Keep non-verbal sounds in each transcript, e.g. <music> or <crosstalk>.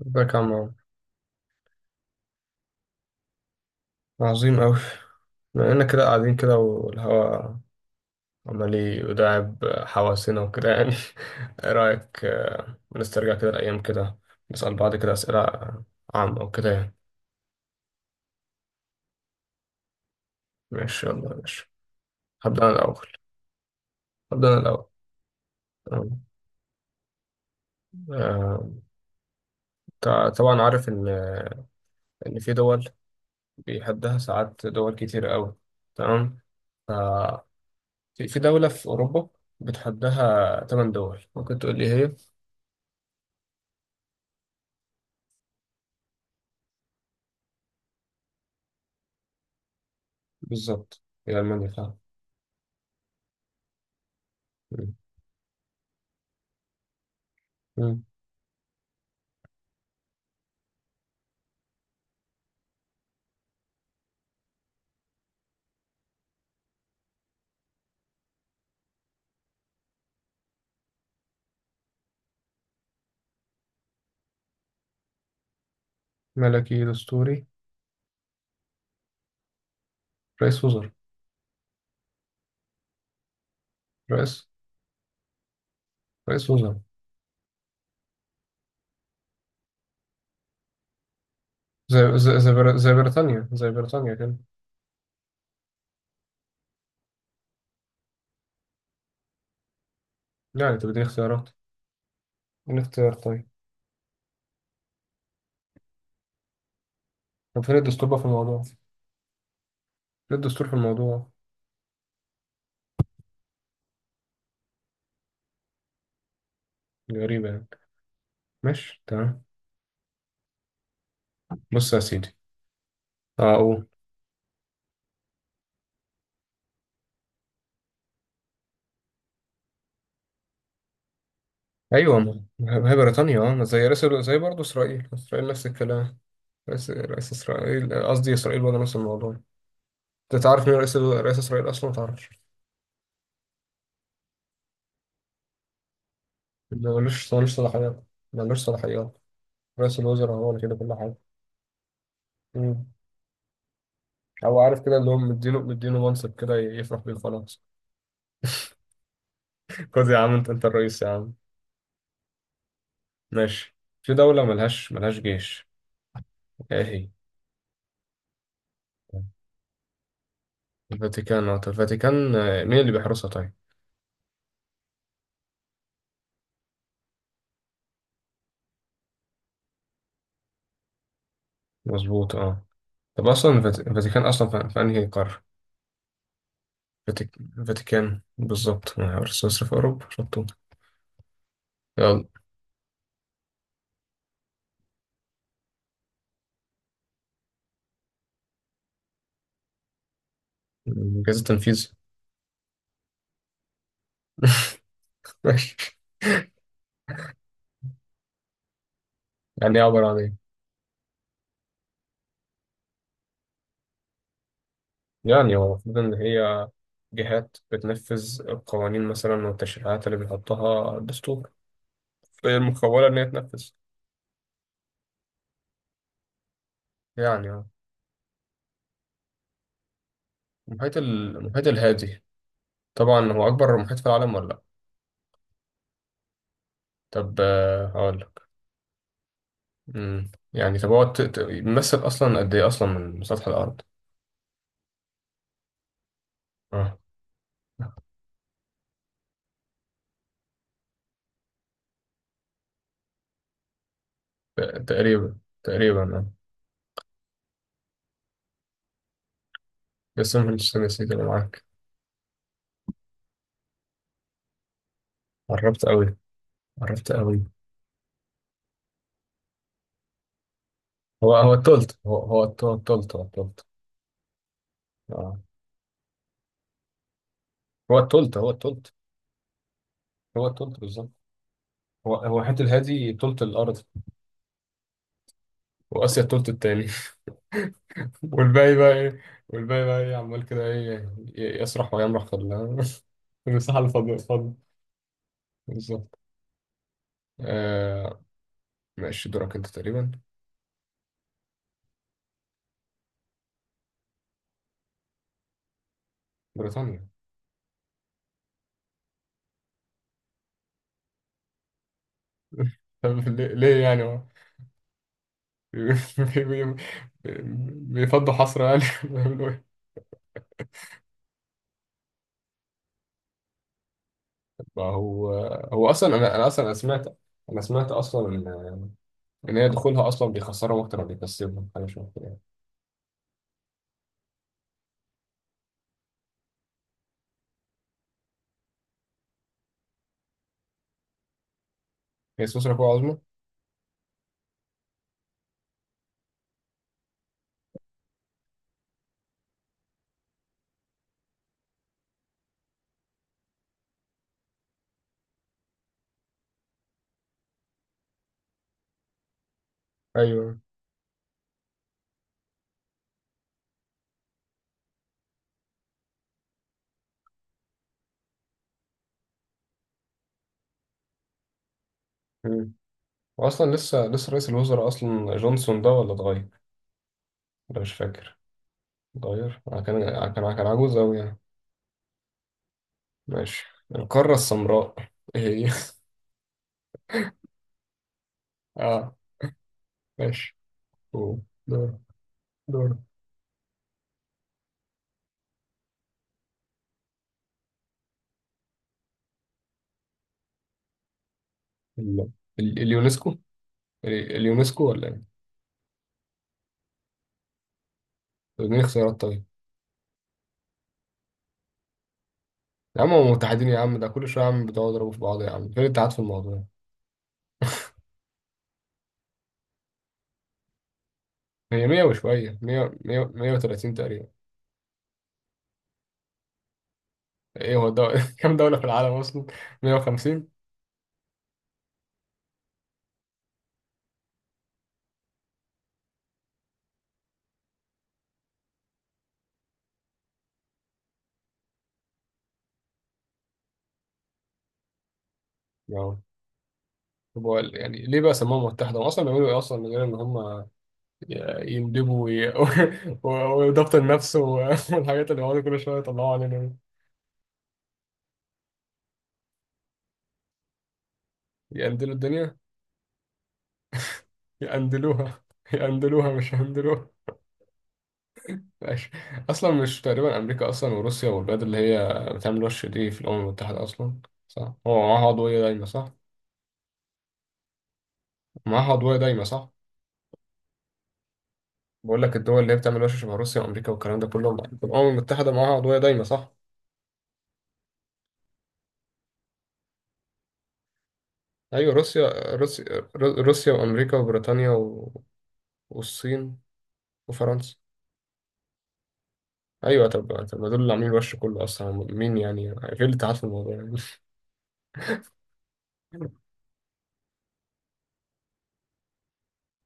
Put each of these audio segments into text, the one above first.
ازيك يا عم عمرو؟ عظيم أوي. بما إننا كده قاعدين كده والهوا عمال يداعب حواسنا وكده يعني. <laughs> إيه رأيك، نسترجع كده الأيام كده، نسأل بعض كده أسئلة عامة وكده يعني. ماشي يلا ماشي. هبدأ أنا الأول. هبدأ أنا الأول. تمام. آه، طبعا عارف إن في دول بيحدها ساعات دول كتير أوي. تمام. ف- في دولة في أوروبا بتحدها تمن دول ممكن تقول لي هي. بالظبط هي ألمانيا فعلا. مم. مم. ملكي دستوري. رئيس وزراء. رئيس رئيس وزراء. زي بريطانيا كده. يعني طب اديني اختيارات. اديني اختيار طيب. طب فين الدستور بقى في الموضوع؟ فين الدستور في الموضوع؟ دي غريبة يعني. ماشي تمام. بص يا سيدي. اه اقول. ايوه ما هي بريطانيا اه، ما زي رئيس زي، برضه اسرائيل نفس الكلام. رئيس اسرائيل، قصدي اسرائيل برضه نفس الموضوع. انت تعرف مين رئيس اسرائيل اصلا ما تعرفش؟ ما ملوش صلاحيات. ملوش صلاحيات. رئيس الوزراء هو اللي كده كل حاجة. مم. هو عارف كده اللي هو مدينه منصب كده يفرح بيه خلاص. <laughs> خد يا عم انت الرئيس يا عم. ماشي. في دولة ملهاش جيش، ايه هي. الفاتيكان اه. طب الفاتيكان، مين اللي بيحرسها طيب. مظبوط اه. طب اصلا الفاتيكان اصلا في انهي قارة. الفاتيكان بالظبط، سويسرا في اوروبا شطوط. يلا. مم، جهاز التنفيذ. <laughs> ماشي. يعني ايه عبارة عن ايه؟ يعني هو المفروض إن هي جهات بتنفذ القوانين مثلا والتشريعات اللي بيحطها الدستور، فهي المخولة إن هي تنفذ. يعني اه. المحيط الهادي، طبعا هو أكبر محيط في العالم ولا لأ؟ طب هقول لك. مم. يعني طب هو بيمثل أصلا قد إيه أصلا من سطح الأرض؟ اه ت- تقريبا تقريبا اه. بس أنا مش نسيت اللي معاك. قربت أوي. قربت أوي. هو هو التلت هو هو الت- التلت هو التلت اه. هو التلت هو التلت هو التلت بالظبط. هو حته الهادي تلت الارض، واسيا التلت التاني. <laughs> والباقي بقى ايه؟ والباقي بقى ايه عمال كده ايه؟ يسرح ويمرح في ال-. <laughs> في المساحه فاضيه بالظبط. آه. ماشي دورك انت تقريبا. بريطانيا. <laughs> طب ليه يعني هو. <laughs> بي- بي- بيفضوا حصر يعني. <laughs> بيعملوا ايه. ما هو، هو اصلا انا اصلا أنا سمعت. انا سمعت اصلا ان ان هي دخولها اصلا بيخسرهم اكتر ما بيكسبهم، حاجه شبه كده. هي سويسرا قوة عظمى؟ ايوه. واصلا لسه رئيس الوزراء اصلا جونسون ده ولا اتغير؟ ده مش فاكر. اتغير، كان عجوز اوي يعني. ماشي. القارة السمراء ايه هي. <laughs> اه. ماشي. أوه. دور. دور. ال- اليونسكو. اليونسكو ولا ايه؟ طب اديني اختيارات طيب. يا عم هم متحدين يا عم، ده كل شويه يا عم بتقعدوا يضربوا في بعض يا عم، فين الاتحاد في الموضوع؟ هي 100 وشويه، 100 100 130 تقريبا. ايه هو الدولة، <laughs> كام دولة في العالم اصلا؟ 150. طب هو يعني ليه بقى سموها متحدة؟ هم أصلا بيعملوا إيه أصلا من غير إن هم يندبوا <laughs> و-. وإدارة النفس و- <laughs> والحاجات اللي بيقعدوا كل شوية يطلعوا علينا دي؟ يقندلوا الدنيا؟ يقندلوها <laughs> يقندلوها مش هندلوها. ماشي. أصلا مش تقريبا أمريكا أصلا وروسيا والبلاد اللي هي بتعمل وش دي في الأمم المتحدة أصلا، صح؟ هو معاها عضوية دايمة صح؟ معاها عضوية دايمة صح؟ بقول لك، الدول اللي هي بتعمل وش شبه روسيا وأمريكا والكلام ده كله، الأمم المتحدة معاها عضوية دايمة صح؟ ايوه روسيا. روسيا روسيا وامريكا وبريطانيا و... والصين. وفرنسا. ايوه طب ما دول اللي عاملين الوش كله اصلا مين يعني غير اللي تعرف الموضوع يعني. <laughs>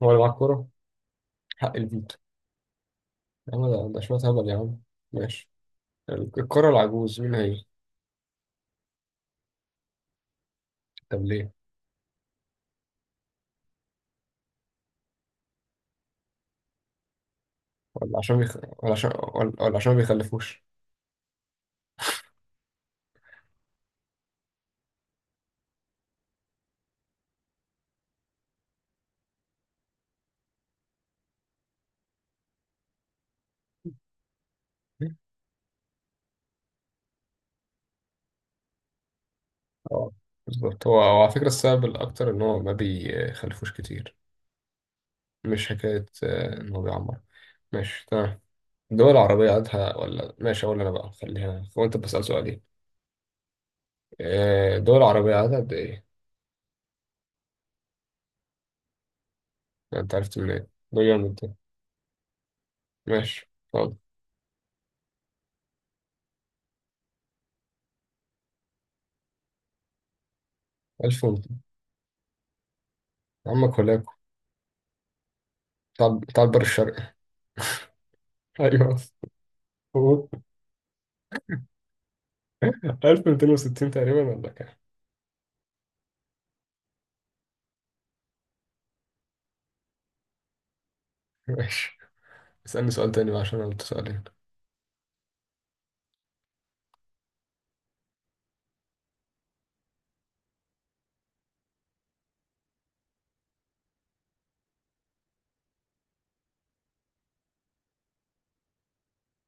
هو اللي معاه الكوره. حق الفيتو. يا عم ده شويه هبل يا عم. ماشي. الكوره العجوز مين هي؟ طب ليه. ولا عشان بيخ...، ولا عشان ما بيخلفوش. <laughs> اه بالظبط. هو على فكرة السبب الأكتر إن هو ما بيخلفوش كتير، مش حكاية إن هو بيعمر. ماشي تمام. دول عربية عددها، ولا ماشي، أقول أنا بقى خليها، هو أنت بسأل سؤالين. دول عربية عددها قد إيه؟ لا، أنت عرفت منين؟ ده جامد ده. ماشي طب. ألف ومتين. عمك ولاكو. بتاع البر الشرقي. <laughs> أيوه. هو 1260 تقريبا ولا كام؟ ماشي. اسألني سؤال تاني بقى عشان أنا قلت سؤالين.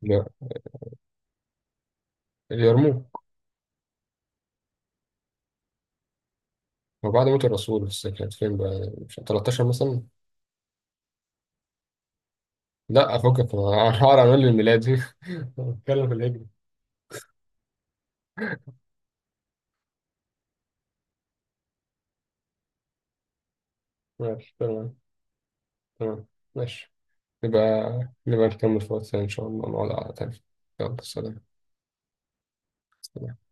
لا، اليرموك. وبعد موت الرسول بس، كانت فين بقى؟ مش 13 مثلا؟ لا أفكك. <laughs> أنا هقعد أعمل لي الميلادي. <laughs> بتكلم في الهجري. ماشي تمام. تمام. ماشي. نبقى نبقى نكمل في وقت تاني إن شاء الله، نقعد على تاني. يلا سلام. سلام.